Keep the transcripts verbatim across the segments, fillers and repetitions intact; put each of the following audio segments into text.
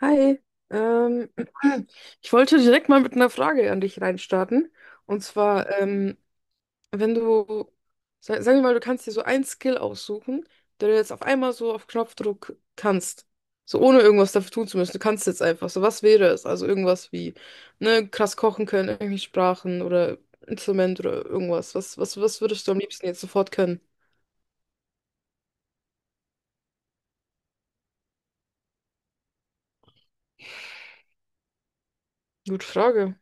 Hi, ähm, ich wollte direkt mal mit einer Frage an dich reinstarten. Und zwar, ähm, wenn du, sa- sagen wir mal, du kannst dir so einen Skill aussuchen, den du jetzt auf einmal so auf Knopfdruck kannst, so ohne irgendwas dafür tun zu müssen. Du kannst jetzt einfach. So, was wäre es? Also irgendwas wie, ne, krass kochen können, irgendwelche Sprachen oder Instrument oder irgendwas. Was, was, was würdest du am liebsten jetzt sofort können? Gute Frage.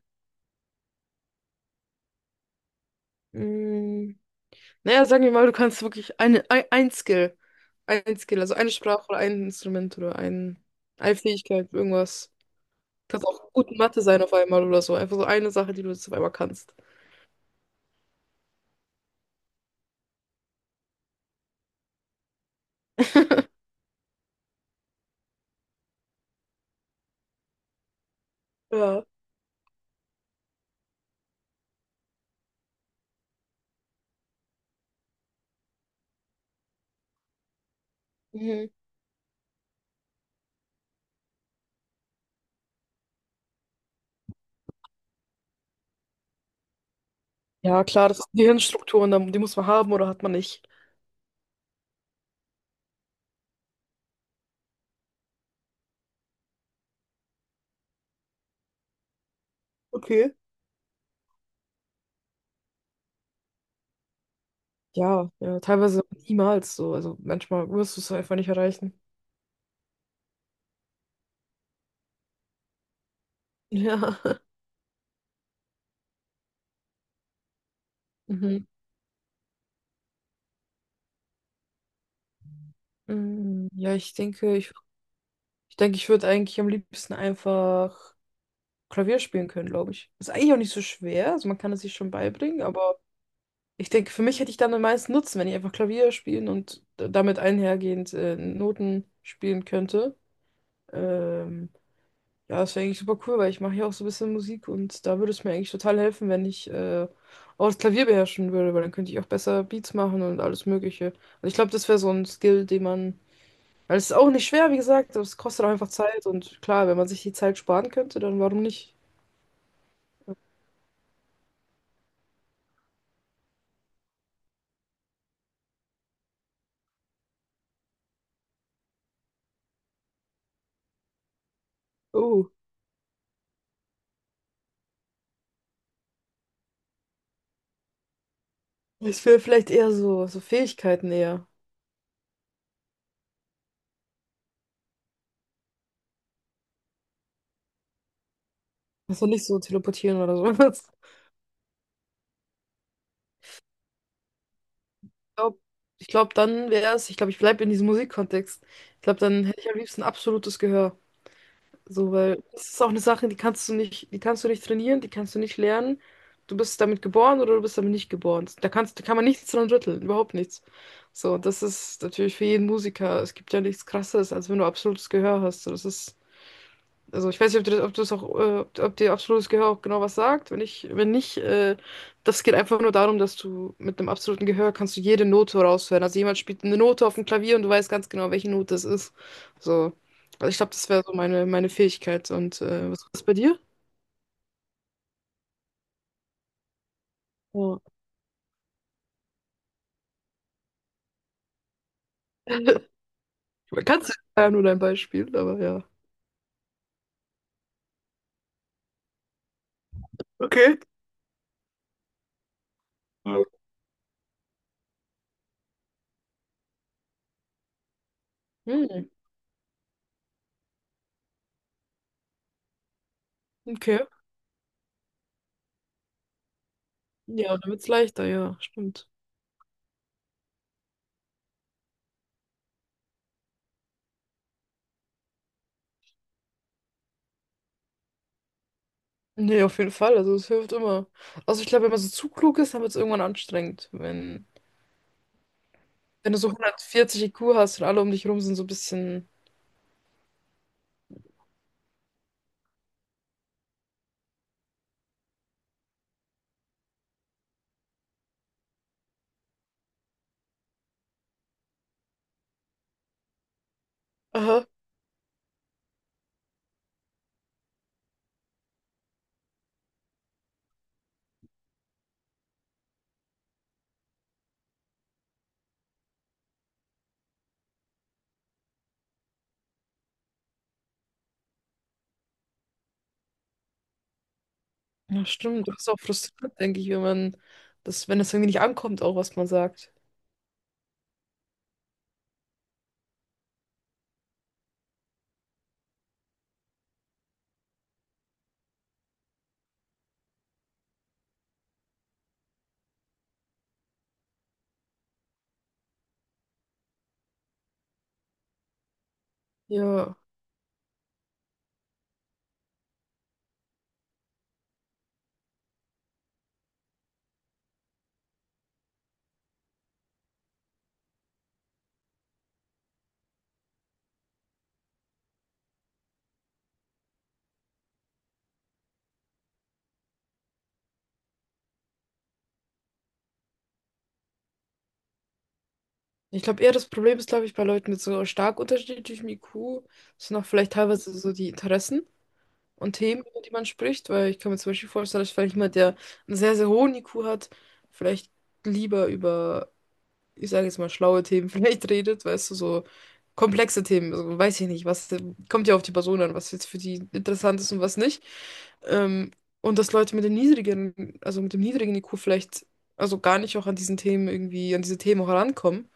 Naja, sagen wir mal, du kannst wirklich eine, ein, ein Skill. Ein Skill, also eine Sprache oder ein Instrument oder ein, eine Fähigkeit, irgendwas. Kannst auch gut in Mathe sein auf einmal oder so. Einfach so eine Sache, die du jetzt auf einmal kannst. Ja. Mhm. Ja, klar, das sind Gehirnstrukturen, da- die muss man haben oder hat man nicht. Okay. Ja, ja, teilweise niemals so. Also manchmal wirst du es einfach nicht erreichen. Ja. Mhm. Mhm. Ja, ich denke, ich, ich denke, ich würde eigentlich am liebsten einfach Klavier spielen können, glaube ich. Ist eigentlich auch nicht so schwer, also man kann es sich schon beibringen, aber ich denke, für mich hätte ich dann den meisten Nutzen, wenn ich einfach Klavier spielen und d- damit einhergehend äh, Noten spielen könnte. Ähm, ja, das wäre eigentlich super cool, weil ich mache ja auch so ein bisschen Musik und da würde es mir eigentlich total helfen, wenn ich äh, auch das Klavier beherrschen würde, weil dann könnte ich auch besser Beats machen und alles Mögliche. Also ich glaube, das wäre so ein Skill, den man. Weil es ist auch nicht schwer, wie gesagt, aber es kostet auch einfach Zeit und klar, wenn man sich die Zeit sparen könnte, dann warum nicht? Oh. Ich will vielleicht eher so, so Fähigkeiten eher. Also nicht so teleportieren oder so. Ich glaube, ich glaub, dann wäre es, ich glaube, ich bleibe in diesem Musikkontext. Ich glaube, dann hätte ich am liebsten absolutes Gehör. So, weil das ist auch eine Sache, die kannst du nicht, die kannst du nicht trainieren, die kannst du nicht lernen. Du bist damit geboren oder du bist damit nicht geboren. Da kannst, da kann man nichts dran rütteln, überhaupt nichts. So, und das ist natürlich für jeden Musiker. Es gibt ja nichts Krasseres, als wenn du absolutes Gehör hast. So, das ist. Also ich weiß nicht, ob dir das, ob du das auch, äh, ob ob dir absolutes Gehör auch genau was sagt. Wenn ich, wenn nicht, äh, das geht einfach nur darum, dass du mit einem absoluten Gehör kannst du jede Note raushören. Also jemand spielt eine Note auf dem Klavier und du weißt ganz genau, welche Note es ist. So. Also ich glaube, das wäre so meine, meine Fähigkeit. Und äh, was ist bei dir? Ja. Kannst du ja nur dein Beispiel, aber ja. Okay. Ja. Hm, okay. Ja, dann wird's leichter, ja, stimmt. Nee, auf jeden Fall. Also es hilft immer. Also ich glaube, wenn man so zu klug ist, dann wird es irgendwann anstrengend. Wenn Wenn du so hundertvierzig I Q hast und alle um dich rum sind so ein bisschen, aha, ja stimmt, das ist auch frustrierend, denke ich, wenn man das, wenn das irgendwie nicht ankommt, auch was man sagt. Ja. Ich glaube eher, das Problem ist, glaube ich, bei Leuten mit so stark unterschiedlichem I Q sind auch vielleicht teilweise so die Interessen und Themen, über die man spricht, weil ich kann mir zum Beispiel vorstellen, dass vielleicht jemand, der einen sehr, sehr hohen I Q hat, vielleicht lieber über, ich sage jetzt mal, schlaue Themen vielleicht redet, weißt du, so komplexe Themen, also weiß ich nicht, was, kommt ja auf die Person an, was jetzt für die interessant ist und was nicht. Ähm, und dass Leute mit dem niedrigeren, also mit dem niedrigen I Q vielleicht, also gar nicht auch an diesen Themen irgendwie, an diese Themen auch herankommen.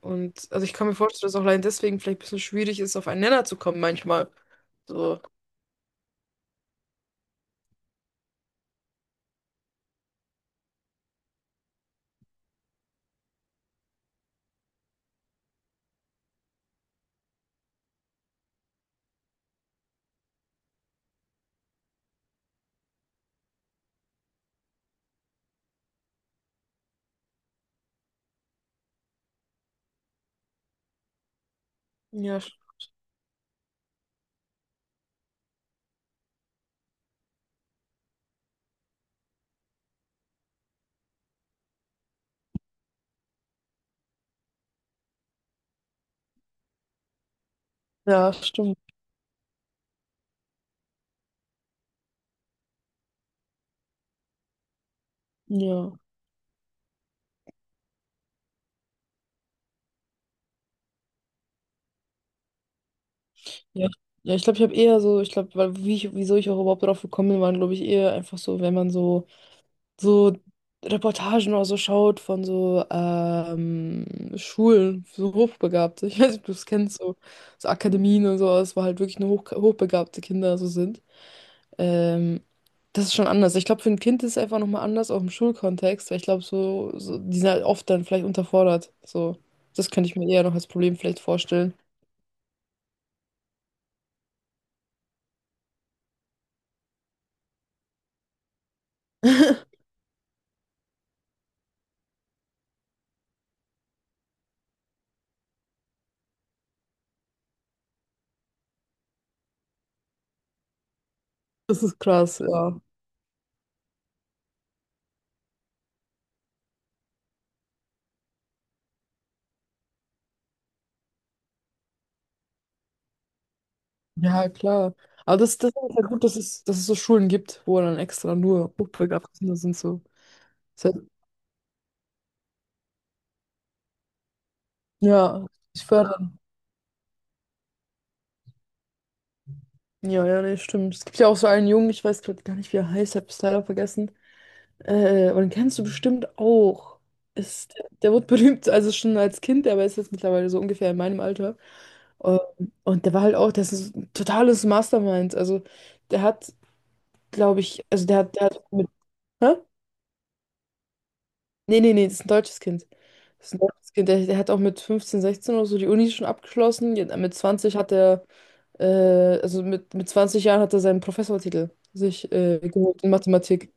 Und also ich kann mir vorstellen, dass auch allein deswegen vielleicht ein bisschen schwierig ist, auf einen Nenner zu kommen manchmal. So, ja, sch- ja, stimmt. Ja. Ja, ich- ja ich glaube, ich habe eher so, ich glaube, weil wie ich, wieso ich auch überhaupt drauf gekommen bin, waren, glaube ich, eher einfach so, wenn man so, so Reportagen oder so schaut von so ähm, Schulen, so Hochbegabte. Ich weiß nicht, ob du es kennst, so, so Akademien und sowas, wo halt wirklich nur hoch, hochbegabte Kinder so sind. Ähm, das ist schon anders. Ich glaube, für ein Kind ist es einfach nochmal anders, auch im Schulkontext, weil ich glaube, so, so, die sind halt oft dann vielleicht unterfordert. So, das könnte ich mir eher noch als Problem vielleicht vorstellen. Das ist krass, ja. Ja, klar. Aber das, das ist halt gut, dass es, dass es so Schulen gibt, wo dann extra nur hochbegabte Kinder sind, so. Ja, ich fördern. Ja, ja, nee, stimmt. Es gibt ja auch so einen Jungen, ich weiß gerade gar nicht, wie er heißt, hab es leider vergessen. Äh, aber den kennst du bestimmt auch. Ist, der, der wurde berühmt, also schon als Kind, aber ist jetzt mittlerweile so ungefähr in meinem Alter. Ähm, Und der war halt auch, das ist ein totales Mastermind. Also der hat, glaube ich, also der hat, der hat mit, hä? Nee, nee, nee, das ist ein deutsches Kind. Das ist ein deutsches Kind. Der, der hat auch mit fünfzehn, sechzehn oder so die Uni schon abgeschlossen. Ja, mit zwanzig hat er. Äh, also mit, mit zwanzig Jahren hat er seinen Professortitel sich äh, geholt in Mathematik.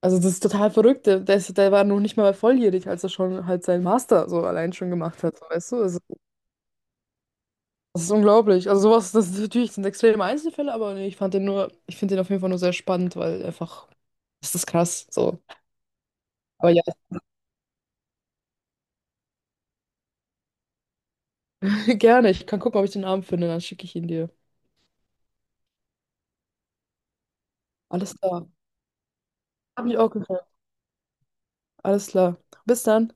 Also das ist total verrückt. Der, der, ist, der war noch nicht mal volljährig, als er schon halt seinen Master so allein schon gemacht hat. Weißt du? Also, das ist unglaublich. Also sowas, das ist natürlich sind extreme Einzelfälle, aber nee, ich fand den nur, ich finde den auf jeden Fall nur sehr spannend, weil einfach, das ist krass. So. Aber ja, gerne. Ich kann gucken, ob ich den Abend finde, dann schicke ich ihn dir. Alles klar. Hat mich auch gefallen. Alles klar. Bis dann.